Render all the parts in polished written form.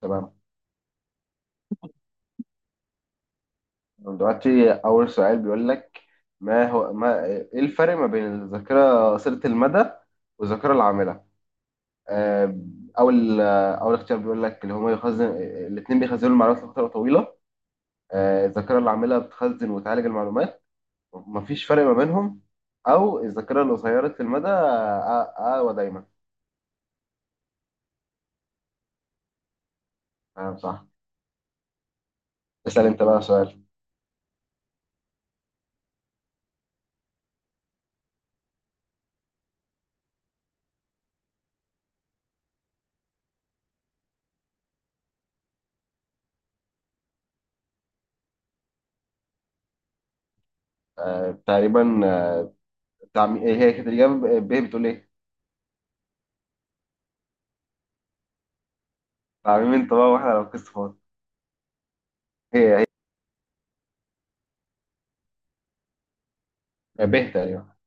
تمام. دلوقتي أول سؤال بيقول لك، ما هو ما إيه الفرق ما بين الذاكرة قصيرة المدى والذاكرة العاملة؟ آه، أول أول اختيار بيقول لك اللي هما يخزن، الاتنين بيخزنوا المعلومات لفترة طويلة. الذاكرة العاملة بتخزن وتعالج المعلومات، مفيش فرق ما بينهم، أو الذاكرة القصيرة المدى أقوى. أقوى دايما. تمام، صح. اسأل أنت بقى سؤال. تقريبا، تعميم. هي كانت الإجابة ب، بتقول إيه؟ تعميم. أنت بقى وإحنا على القسط فاضي. هي هي ب تقريبا.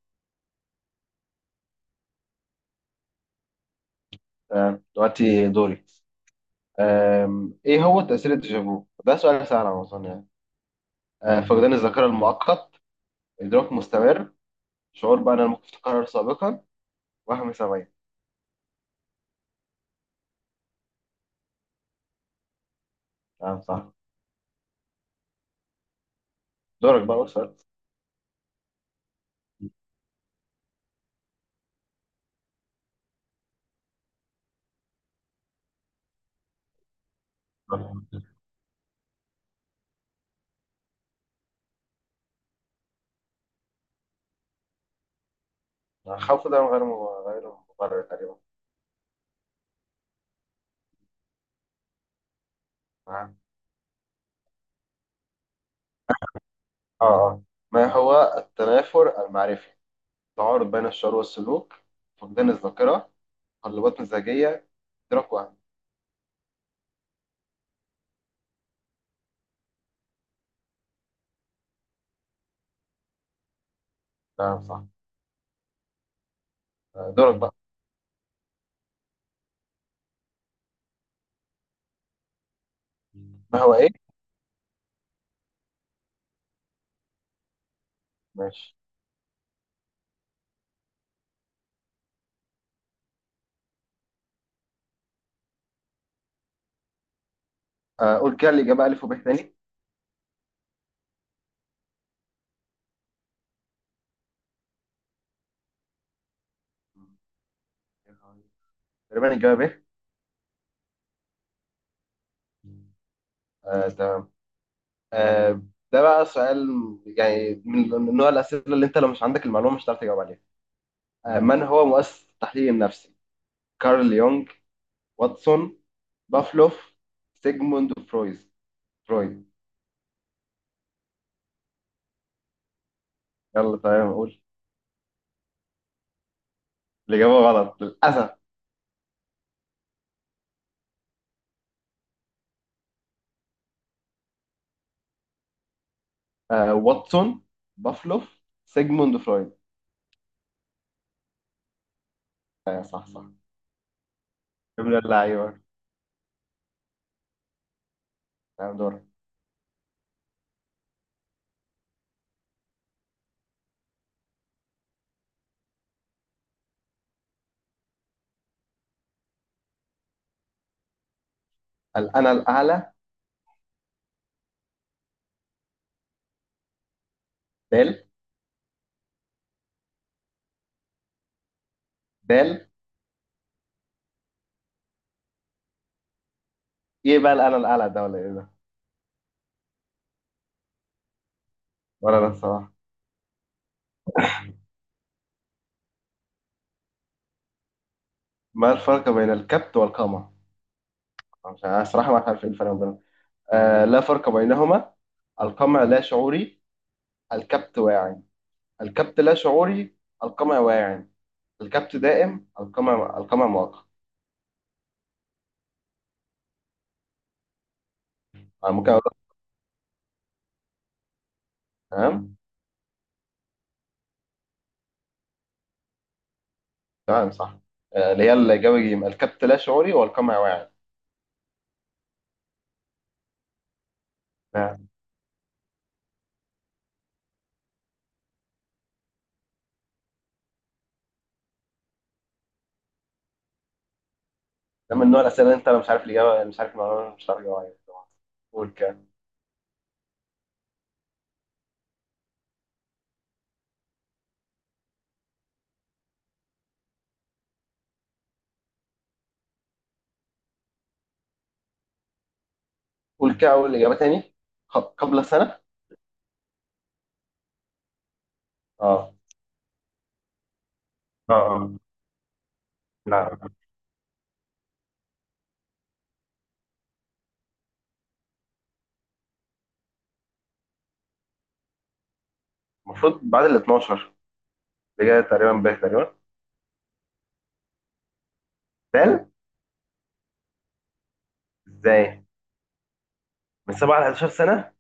تمام، دلوقتي دوري. ايه هو تأثير الديجافو؟ ده سؤال سهل على ما اظن يعني. فقدان الذاكرة المؤقت، إدراك مستمر، شعور بأن الموقف تكرر سابقا، وهم سمعي. تمام، صح. دورك بقى، أسأل. خوف ده غير مبرر تقريبا. تمام. اه، ما هو التنافر المعرفي؟ تعارض بين الشعور والسلوك، فقدان الذاكرة، تقلبات مزاجية، إدراك وهم. تمام، صح. دورك بقى. ما هو ايه؟ ماشي. قول كده الإجابة ألف وب تاني. تقريبا الجواب ايه؟ تمام. آه، ده بقى سؤال يعني من نوع الأسئلة اللي أنت لو مش عندك المعلومة مش هتعرف تجاوب عليها. آه، من هو مؤسس التحليل النفسي؟ كارل يونغ، واتسون، بافلوف، سيجموند فرويد. فرويد. يلا تمام، قول. الإجابة غلط للأسف. آه، واتسون، بافلوف، سيجموند فرويد. آه، صح صح. يا ابن اللعيبة. تمام، دورك. الأنا الأعلى. دال. دال. إيه بقى الأنا الأعلى ده، ولا إيه ده؟ ولا أنا الصراحة. ما الفرق بين الكبت والقمع؟ عشان أنا صراحة ما عارف إيه الفرق بينهم. آه، لا فرق بينهما، القمع لا شعوري الكبت واعي، الكبت لا شعوري القمع واعي، الكبت دائم القمع مؤقت. أنا ممكن أقول لك؟ تمام. تمام، صح. آه، اللي هي الإجابة جيم، الكبت لا شعوري والقمع واعي. نعم. ده من نوع الأسئلة اللي أنت لو مش عارف الإجابة مش عارف المعلومة مش عارف الإجابة عليها. قول كده. قول كده أول إجابة تاني. قبل سنة. اه اه. اه، لا. المفروض بعد ال 12. اللي جاية تقريبا باك تقريبا. بال. ازاي. من 7 ل 11 سنه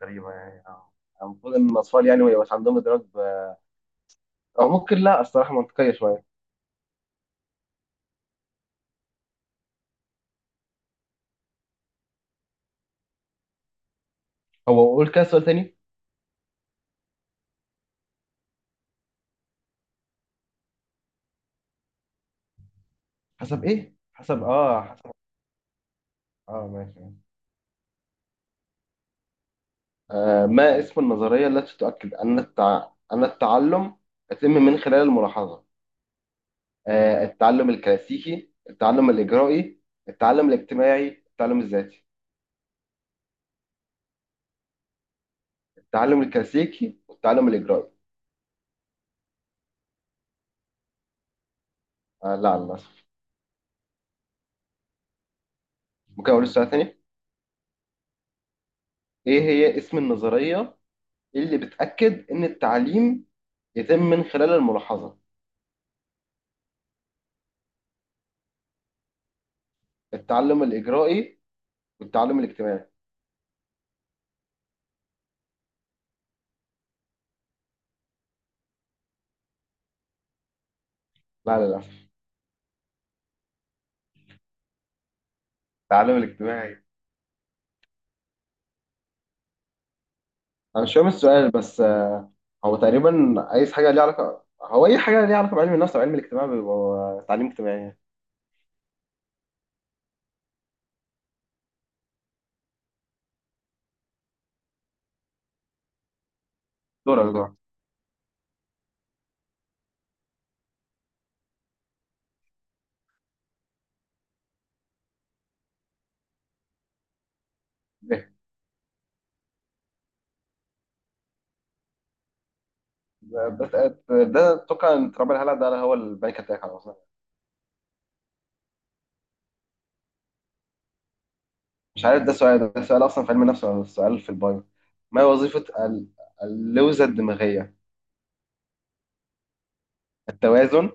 تقريبا يعني. اه، المفروض ان الاطفال يعني ما يبقاش عندهم ادراك او ممكن لا، الصراحه منطقيه شويه. هو قول كده سؤال تاني. حسب ايه؟ حسب اه حسب. اه، ماشي. آه، ما اسم النظريه التي تؤكد ان التعلم يتم من خلال الملاحظه؟ آه، التعلم الكلاسيكي، التعلم الاجرائي، التعلم الاجتماعي، التعلم الذاتي. التعلم الكلاسيكي والتعلم الاجرائي. آه، لا للاسف. ممكن اقول السؤال تاني؟ ايه هي اسم النظريه اللي بتأكد إن التعليم يتم من خلال الملاحظة. التعلم الإجرائي والتعلم الاجتماعي. لا للأسف. التعلم الاجتماعي. أنا مش فاهم السؤال بس، هو تقريبا عايز حاجة ليها علاقة، أي حاجة ليها علاقة بعلم النفس وعلم الاجتماع بيبقى تعليم اجتماعي. دورك. إيه؟ ده ده أتوقع إن تراب الهلع ده هو البانيك أتاك على أصلا. مش عارف ده سؤال، أصلا في علم النفس ولا سؤال في البايو. ما هي وظيفة ال- اللوزة الدماغية؟ التوازن،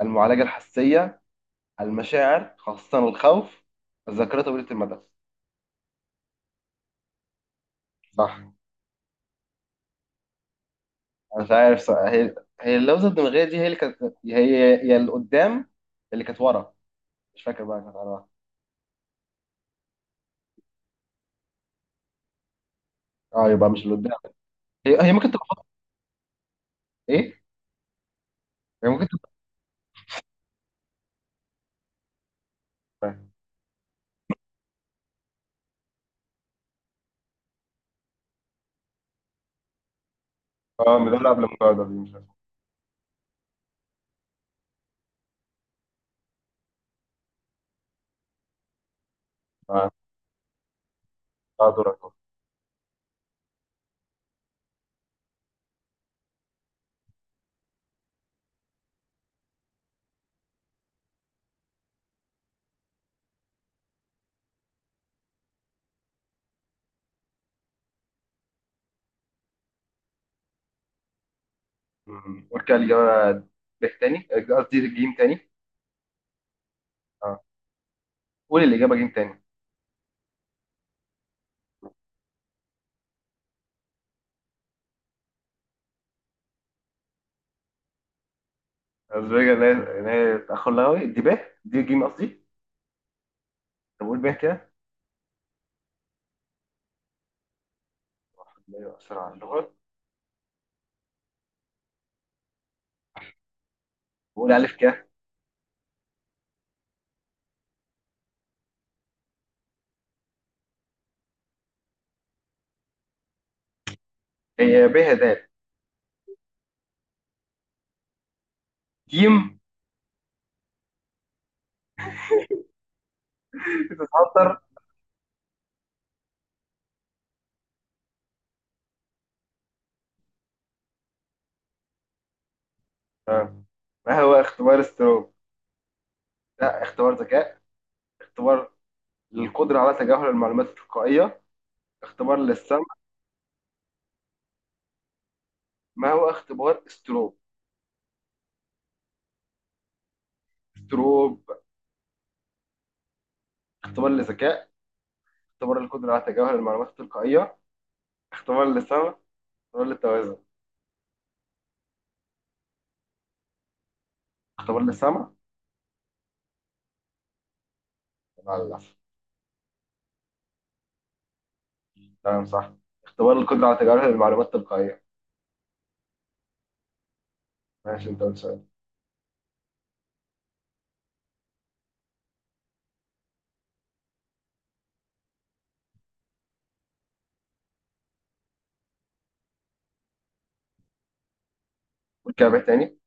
المعالجة الحسية، المشاعر خاصة الخوف، الذاكرة طويلة المدى. صح. أنا مش عارف صح. هي اللوزة الدماغية دي، هي اللي كانت، هي اللي قدام اللي كانت ورا، مش فاكر بقى كانت على واحد. اه، يبقى مش اللي قدام. هي ممكن تبقى ايه، هي ممكن تبقى. اه، مدلع قبل المجاعدة دي مش عارف. اه. آه، دورك. مم. قول كده الإجابة ب تاني، قصدي جيم تاني. اه، قول الإجابة جيم تاني. أزبيجا اللي هي، تأخر لغوي دي ب، دي جيم قصدي. طب قول ب كده. أيوة، بسرعة اللغة. قول ألف كده. هي ب هدايا جيم، بتتهدر. آه. ما هو اختبار ستروب؟ لا، اختبار ذكاء، اختبار للقدرة على تجاهل المعلومات التلقائية، اختبار للسمع. ما هو اختبار ستروب؟ ستروب. اختبار للذكاء، اختبار للقدرة على تجاهل المعلومات التلقائية، اختبار للسمع، اختبار للتوازن. اختبار للسمع. لا للأسف. تمام، صح. اختبار القدرة على تجاهل المعلومات التلقائية. ماشي، انت قلت سؤال. قول كده بقى تاني.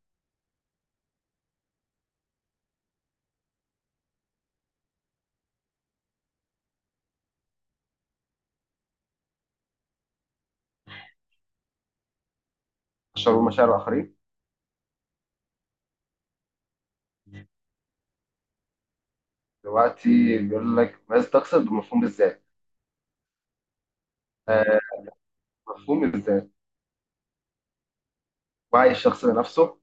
تشرب مشاعر الآخرين. دلوقتي بيقول لك ماذا تقصد بمفهوم الذات. آه، مفهوم الذات. وعي الشخص بنفسه،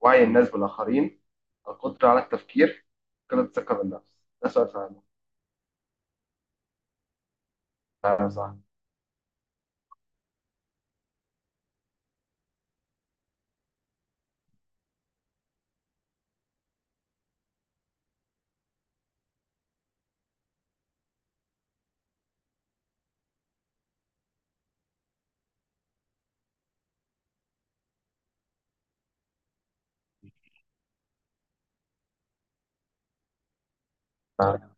وعي الناس بالآخرين، القدرة على التفكير، قلة الثقة بالنفس. ده سؤال فعلا. فعلا صح. فعلا.